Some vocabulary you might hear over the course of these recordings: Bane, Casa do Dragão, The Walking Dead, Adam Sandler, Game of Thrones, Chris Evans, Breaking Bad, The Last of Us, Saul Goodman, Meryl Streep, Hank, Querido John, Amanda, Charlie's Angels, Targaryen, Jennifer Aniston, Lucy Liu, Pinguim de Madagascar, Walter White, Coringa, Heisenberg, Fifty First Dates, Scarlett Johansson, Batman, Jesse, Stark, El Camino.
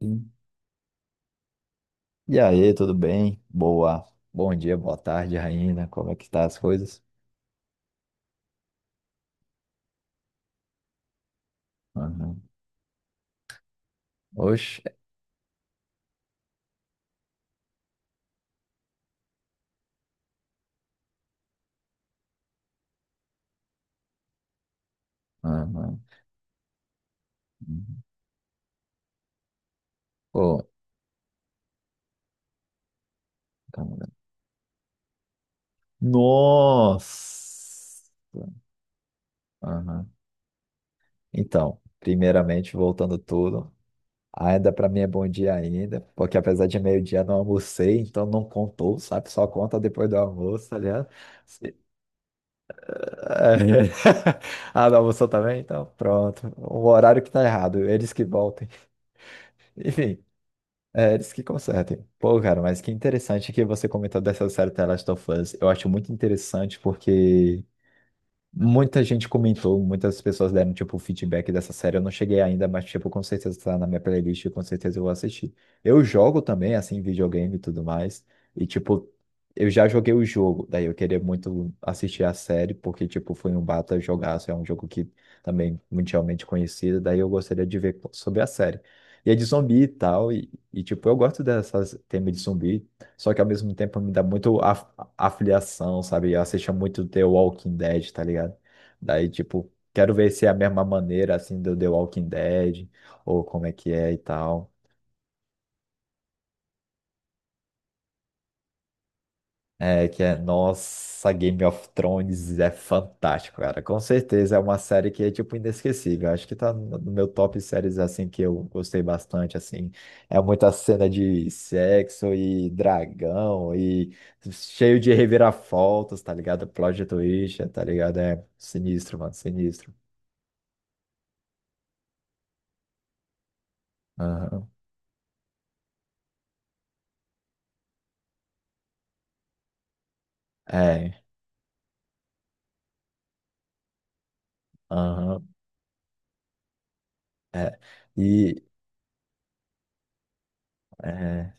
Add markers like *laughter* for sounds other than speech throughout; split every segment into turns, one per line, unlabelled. Sim. E aí, tudo bem? Boa. Bom dia, boa tarde, Raina. Como é que tá as coisas? Aham. Oxe. Aham. Pô, calma. Nossa! Aham. Então, primeiramente, voltando tudo, ainda para mim é bom dia ainda, porque apesar de meio-dia não almocei, então não contou, sabe? Só conta depois do almoço, tá ligado? Se- É. *laughs* Ah, não almoçou também? Então, pronto. O horário que tá errado, eles que voltem. *laughs* Enfim, é, eles que consertem. Pô, cara, mas que interessante que você comentou dessa série The Last of Us. Eu acho muito interessante porque muita gente comentou, muitas pessoas deram, tipo, feedback dessa série. Eu não cheguei ainda, mas, tipo, com certeza tá na minha playlist, e com certeza eu vou assistir. Eu jogo também, assim, videogame e tudo mais. E, tipo, eu já joguei o jogo, daí eu queria muito assistir a série, porque, tipo, foi um bata jogaço, é um jogo que também mundialmente conhecido, daí eu gostaria de ver sobre a série. E é de zumbi e tal, e, tipo, eu gosto dessas temas de zumbi, só que ao mesmo tempo me dá muito a afiliação, sabe? Eu assistia muito The Walking Dead, tá ligado? Daí, tipo, quero ver se é a mesma maneira, assim, do The Walking Dead, ou como é que é e tal. É, que é, nossa, Game of Thrones é fantástico, cara. Com certeza é uma série que é, tipo, inesquecível. Acho que tá no meu top séries, assim, que eu gostei bastante, assim. É muita cena de sexo e dragão e cheio de reviravoltas, tá ligado? Plot twist, tá ligado? É sinistro, mano, sinistro. Aham. É, aham, é. E é,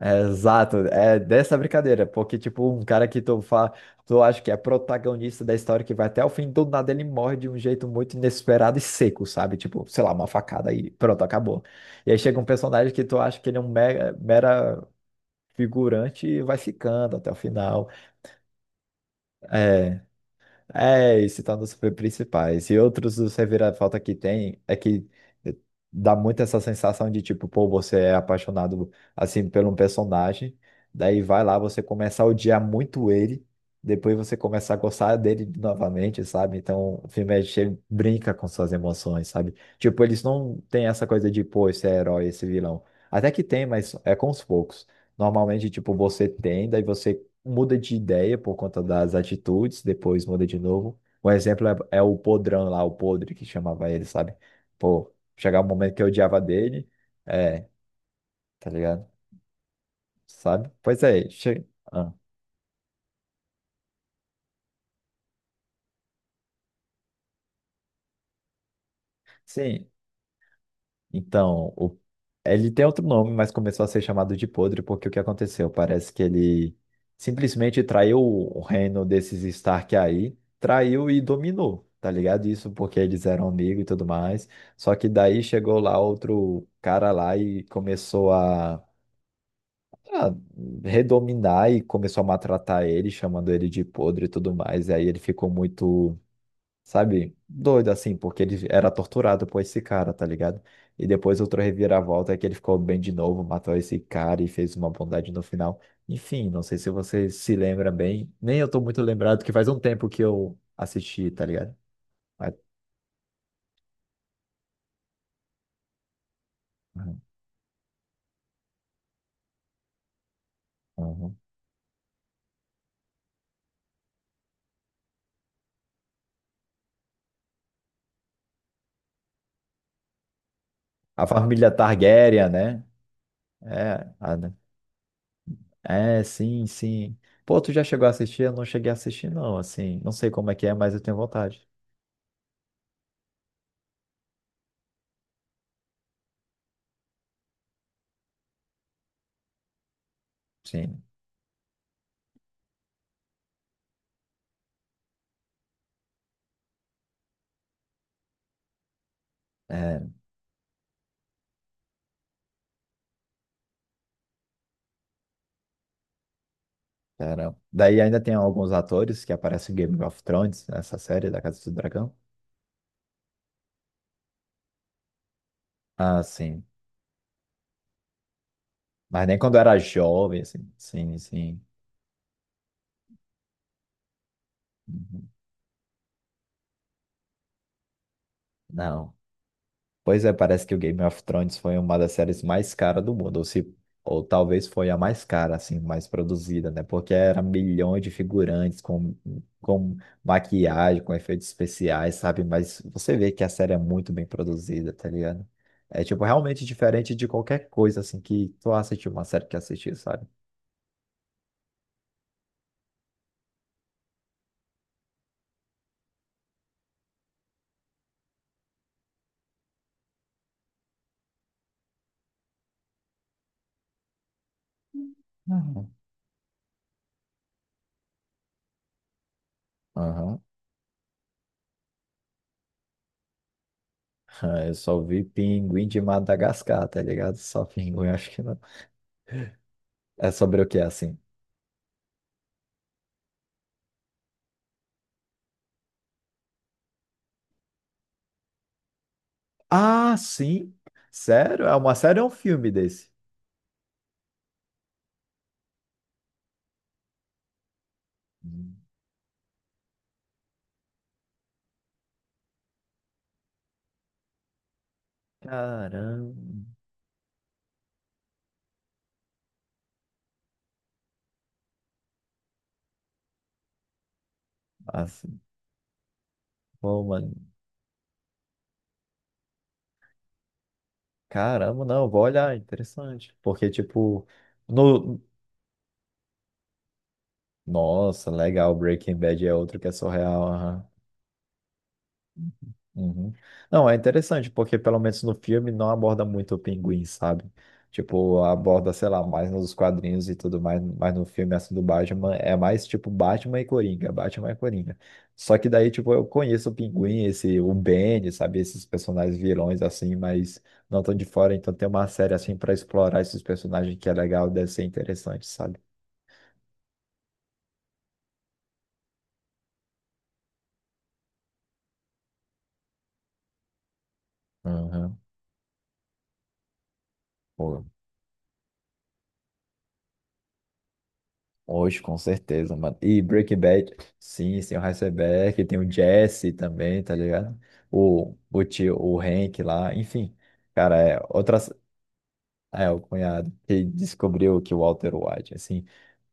é exato, é dessa brincadeira, porque tipo, um cara que tu fa, tu acha que é protagonista da história que vai até o fim, do nada ele morre de um jeito muito inesperado e seco, sabe? Tipo, sei lá, uma facada e pronto, acabou. E aí chega um personagem que tu acha que ele é um mega, mera figurante e vai ficando até o final. É. É, e se torna super principais. E outros dos reviravolta que tem é que dá muito essa sensação de tipo, pô, você é apaixonado assim por um personagem, daí vai lá, você começa a odiar muito ele, depois você começa a gostar dele novamente, sabe? Então o filme é cheio, brinca com suas emoções, sabe? Tipo, eles não têm essa coisa de, pô, esse é herói, esse vilão. Até que tem, mas é com os poucos. Normalmente, tipo, você tem, daí você muda de ideia por conta das atitudes, depois muda de novo. Um exemplo é o podrão lá, o podre que chamava ele, sabe? Pô, chegava um momento que eu odiava dele, é, tá ligado? Sabe? Pois é, che... ah. Sim, então, o... ele tem outro nome, mas começou a ser chamado de Podre porque o que aconteceu? Parece que ele simplesmente traiu o reino desses Stark aí, traiu e dominou, tá ligado? Isso porque eles eram amigos e tudo mais. Só que daí chegou lá outro cara lá e começou a redominar e começou a maltratar ele, chamando ele de Podre e tudo mais. E aí ele ficou muito sabe? Doido assim, porque ele era torturado por esse cara, tá ligado? E depois outra reviravolta é que ele ficou bem de novo, matou esse cara e fez uma bondade no final. Enfim, não sei se você se lembra bem. Nem eu tô muito lembrado, que faz um tempo que eu assisti, tá ligado? Mas- Uhum, uhum A família Targaryen, né? É, a- né? É, sim. Pô, tu já chegou a assistir? Eu não cheguei a assistir, não, assim. Não sei como é que é, mas eu tenho vontade. Sim. É. Caramba. Daí ainda tem alguns atores que aparecem em Game of Thrones, nessa série da Casa do Dragão. Ah, sim. Mas nem quando era jovem, assim. Sim, sim. Uhum. Não. Pois é, parece que o Game of Thrones foi uma das séries mais caras do mundo, ou se, ou talvez foi a mais cara, assim, mais produzida, né? Porque era milhões de figurantes com maquiagem, com efeitos especiais, sabe? Mas você vê que a série é muito bem produzida, tá ligado? É, tipo, realmente diferente de qualquer coisa, assim, que tu assistiu uma série que assistiu, sabe? Uhum. Aham. *laughs* Eu só vi Pinguim de Madagascar, tá ligado? Só Pinguim, *laughs* acho que não. É sobre o que, assim? Ah, sim. Sério? É uma série ou um filme desse? Hum. Caramba. Assim, pô, mano. Caramba, não, vou olhar, interessante. Porque, tipo, no... Nossa, legal, Breaking Bad é outro que é surreal. Uhum. Não, é interessante, porque pelo menos no filme não aborda muito o pinguim, sabe? Tipo, aborda, sei lá, mais nos quadrinhos e tudo mais, mas no filme assim do Batman é mais tipo Batman e Coringa, Batman e Coringa. Só que daí, tipo, eu conheço o Pinguim, esse, o Bane, sabe? Esses personagens vilões assim, mas não tão de fora, então tem uma série assim pra explorar esses personagens que é legal, deve ser interessante, sabe? Uhum. Pô, hoje, com certeza, mano. E Breaking Bad, sim, tem o Heisenberg, tem o Jesse também, tá ligado? O tio, o Hank lá, enfim. Cara, é outra. É, o cunhado que descobriu que o Walter White, assim.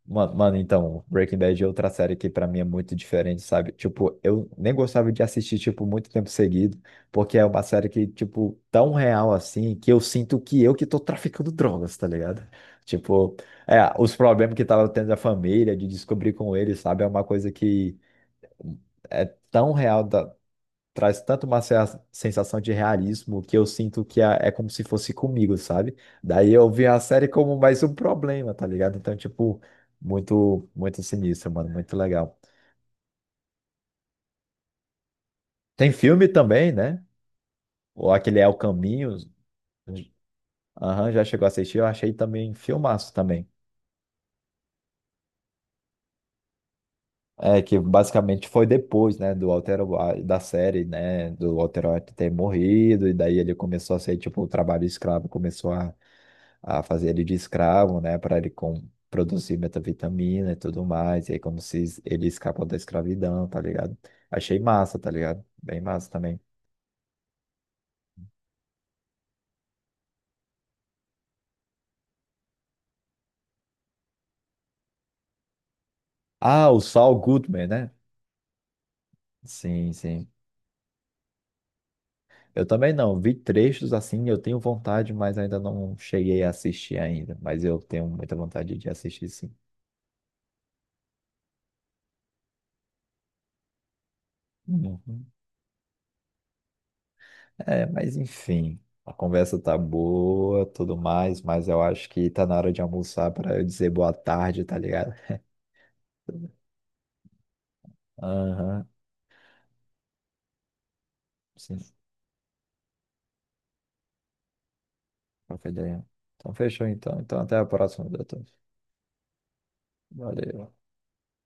Mano, então, Breaking Bad é outra série que pra mim é muito diferente, sabe? Tipo, eu nem gostava de assistir, tipo, muito tempo seguido, porque é uma série que, tipo, tão real assim, que eu sinto que eu que tô traficando drogas, tá ligado? Tipo, é, os problemas que tava tendo a família, de descobrir com ele sabe? É uma coisa que é tão real, traz tanto uma sensação de realismo que eu sinto que é como se fosse comigo, sabe? Daí eu vi a série como mais um problema, tá ligado? Então, tipo, muito, muito sinistro, mano, muito legal. Tem filme também, né? Ou aquele É o Caminho. Aham, já chegou a assistir, eu achei também filmaço também. É, que basicamente foi depois, né, do Walter White, da série, né, do Walter White ter morrido, e daí ele começou a ser, tipo, o trabalho escravo começou a fazer ele de escravo, né, para ele com, produzir metavitamina e tudo mais, e aí como se ele escapa da escravidão, tá ligado? Achei massa, tá ligado? Bem massa também. Ah, o Saul Goodman, né? Sim, sim. Eu também não, vi trechos assim, eu tenho vontade, mas ainda não cheguei a assistir ainda, mas eu tenho muita vontade de assistir sim. Uhum. É, mas enfim, a conversa tá boa, tudo mais, mas eu acho que tá na hora de almoçar para eu dizer boa tarde, tá ligado? Aham. Sim, qualquer ideia. Então, fechou então. Então, até a próxima, doutor. Valeu.